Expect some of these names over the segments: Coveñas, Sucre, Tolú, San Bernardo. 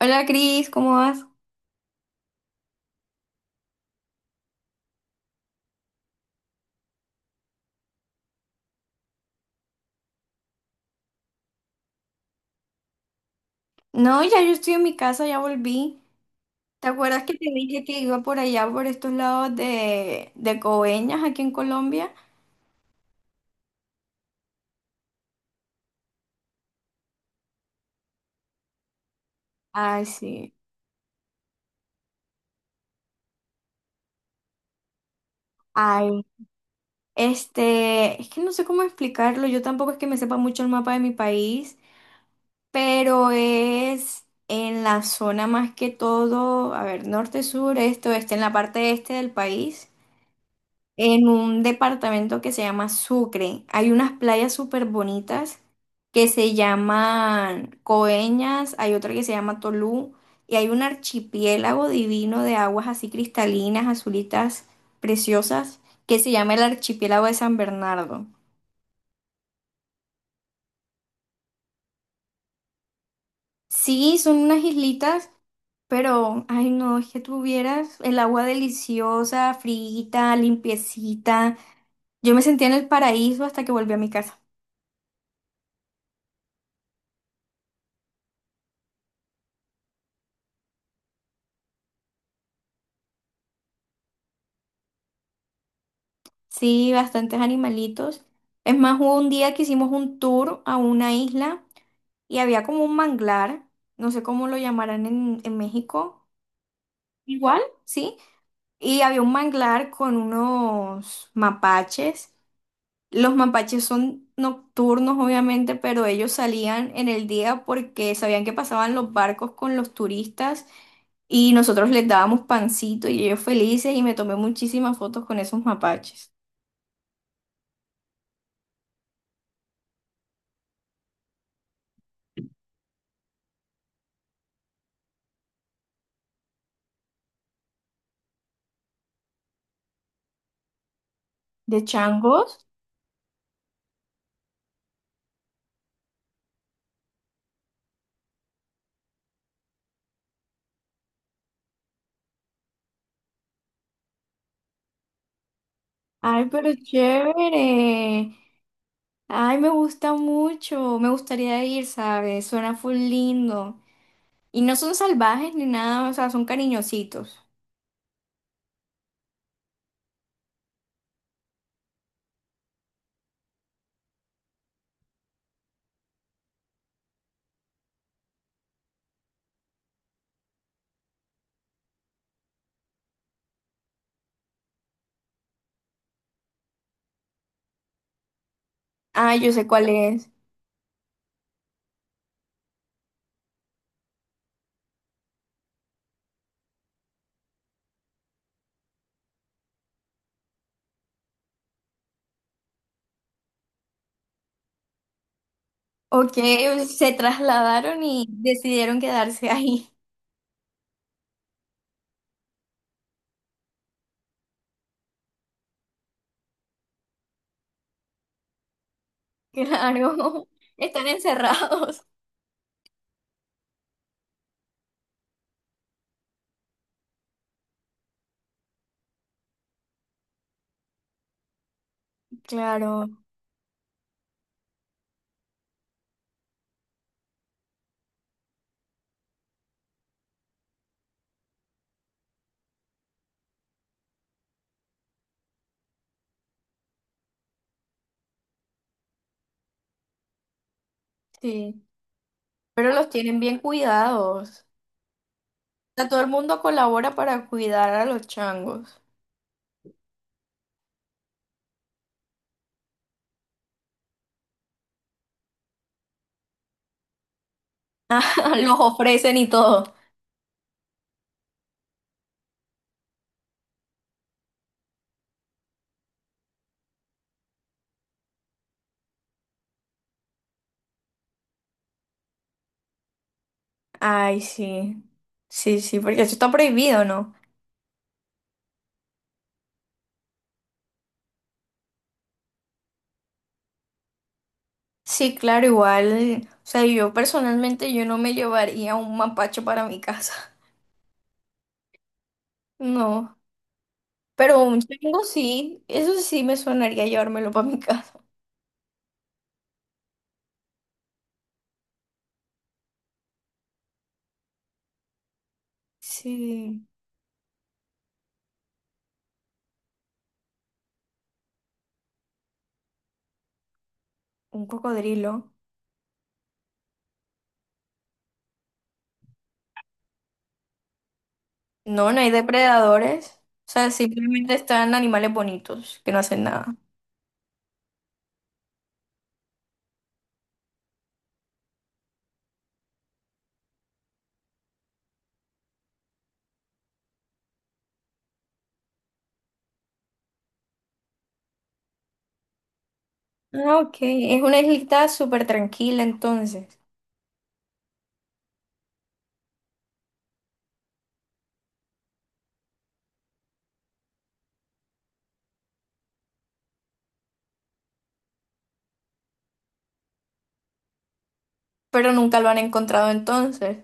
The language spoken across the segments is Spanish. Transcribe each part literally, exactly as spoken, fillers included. Hola Cris, ¿cómo vas? No, ya yo estoy en mi casa, ya volví. ¿Te acuerdas que te dije que iba por allá, por estos lados de, de Coveñas, aquí en Colombia? Ay, sí. Ay, este, es que no sé cómo explicarlo, yo tampoco es que me sepa mucho el mapa de mi país, pero es en la zona más que todo, a ver, norte, sur, este, oeste, en la parte este del país. En un departamento que se llama Sucre. Hay unas playas súper bonitas que se llaman Coeñas, hay otra que se llama Tolú y hay un archipiélago divino de aguas así cristalinas, azulitas, preciosas, que se llama el archipiélago de San Bernardo. Sí, son unas islitas, pero, ay no, es que tuvieras el agua deliciosa, frita, limpiecita. Yo me sentía en el paraíso hasta que volví a mi casa. Sí, bastantes animalitos. Es más, hubo un día que hicimos un tour a una isla y había como un manglar, no sé cómo lo llamarán en, en México. Igual, sí. Y había un manglar con unos mapaches. Los mapaches son nocturnos, obviamente, pero ellos salían en el día porque sabían que pasaban los barcos con los turistas y nosotros les dábamos pancito y ellos felices y me tomé muchísimas fotos con esos mapaches. ¿De changos? Ay, pero chévere. Ay, me gusta mucho. Me gustaría ir, ¿sabes? Suena full lindo. Y no son salvajes ni nada, o sea, son cariñositos. Ah, yo sé cuál es. Ok, se trasladaron y decidieron quedarse ahí. Claro, están encerrados. Claro, sí. Pero los tienen bien cuidados. O sea, todo el mundo colabora para cuidar a los changos. Los ofrecen y todo. Ay, sí. Sí, sí, porque eso está prohibido, ¿no? Sí, claro, igual. O sea, yo personalmente yo no me llevaría un mapacho para mi casa. No. Pero un chango sí, eso sí me sonaría llevármelo para mi casa. Sí, un cocodrilo. No, no hay depredadores. O sea, simplemente están animales bonitos que no hacen nada. Ah, ok. Es una islita súper tranquila entonces. Pero nunca lo han encontrado entonces.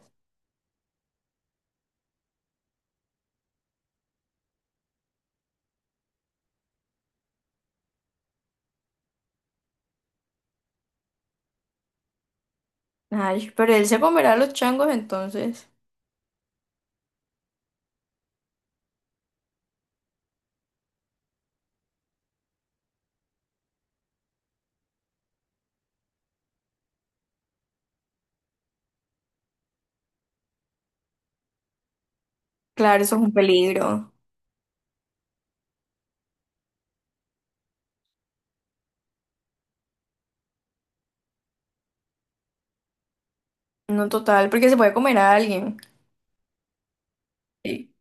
Ay, pero él se comerá a los changos entonces. Claro, eso es un peligro. No total, porque se puede comer a alguien. Sí.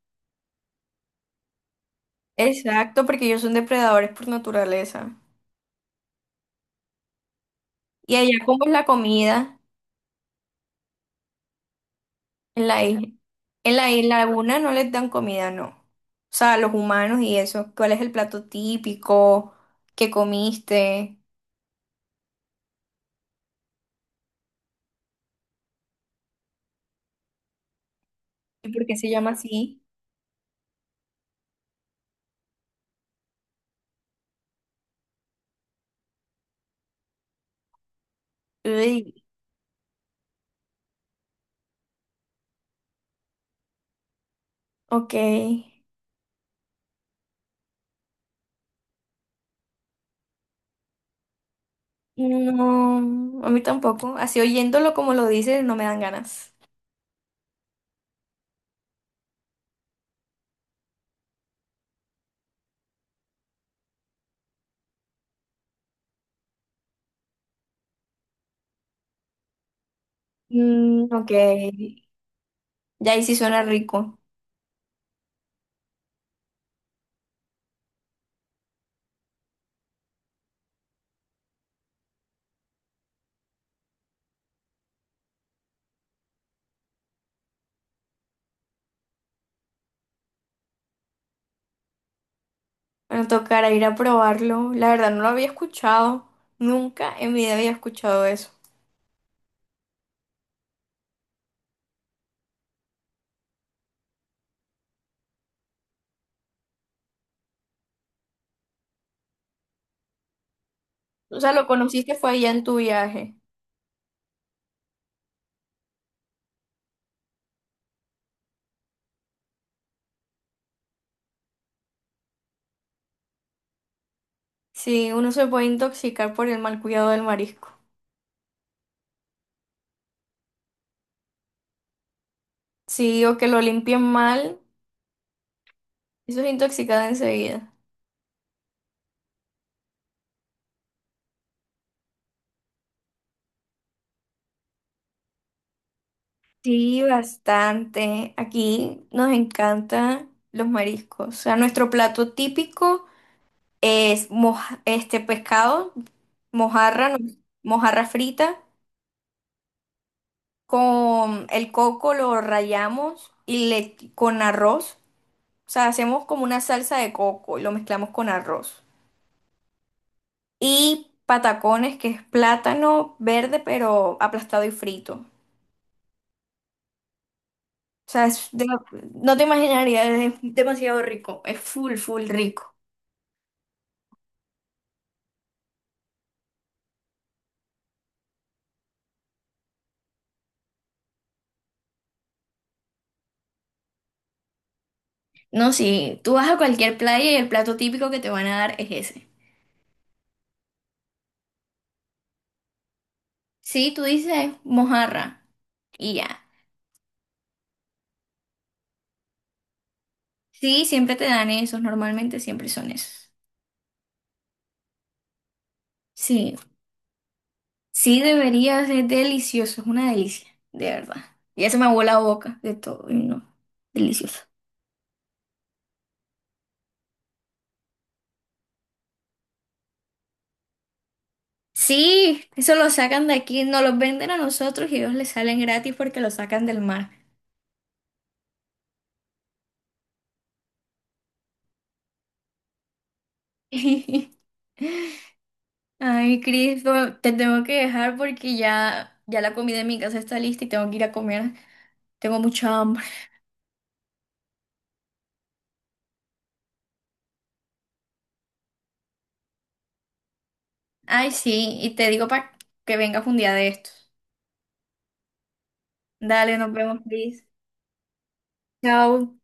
Exacto, porque ellos son depredadores por naturaleza. Y allá, ¿cómo es la comida en la isla? En la isla alguna no les dan comida, no. O sea, los humanos y eso. ¿Cuál es el plato típico? ¿Qué comiste? ¿Y por qué se llama así? Uy, ok. No, a mí tampoco. Así oyéndolo como lo dices, no me dan ganas. Mm, ok. Ya ahí sí suena rico. Bueno, tocará ir a probarlo. La verdad no lo había escuchado. Nunca en mi vida había escuchado eso. O sea, lo conociste fue allá en tu viaje. Sí, uno se puede intoxicar por el mal cuidado del marisco. Sí, o que lo limpien mal, eso es intoxicado enseguida. Sí, bastante. Aquí nos encantan los mariscos. O sea, nuestro plato típico es moja- este pescado, mojarra, no- mojarra frita. Con el coco lo rallamos y le con arroz. O sea, hacemos como una salsa de coco y lo mezclamos con arroz. Y patacones, que es plátano verde, pero aplastado y frito. O sea, es de- no te imaginarías, es demasiado rico. Es full, full rico. No, sí, tú vas a cualquier playa y el plato típico que te van a dar es ese. Sí, tú dices mojarra y ya. Sí, siempre te dan esos, normalmente siempre son esos. Sí. Sí, deberías. Es delicioso, es una delicia, de verdad. Ya se me aguó la boca de todo, y no, delicioso. Sí, eso lo sacan de aquí, nos los venden a nosotros y ellos les salen gratis porque lo sacan del mar. Ay, Cristo, te tengo que dejar porque ya, ya la comida en mi casa está lista y tengo que ir a comer. Tengo mucha hambre. Ay, sí, y te digo para que vengas un día de estos. Dale, nos vemos, Cris. Chao.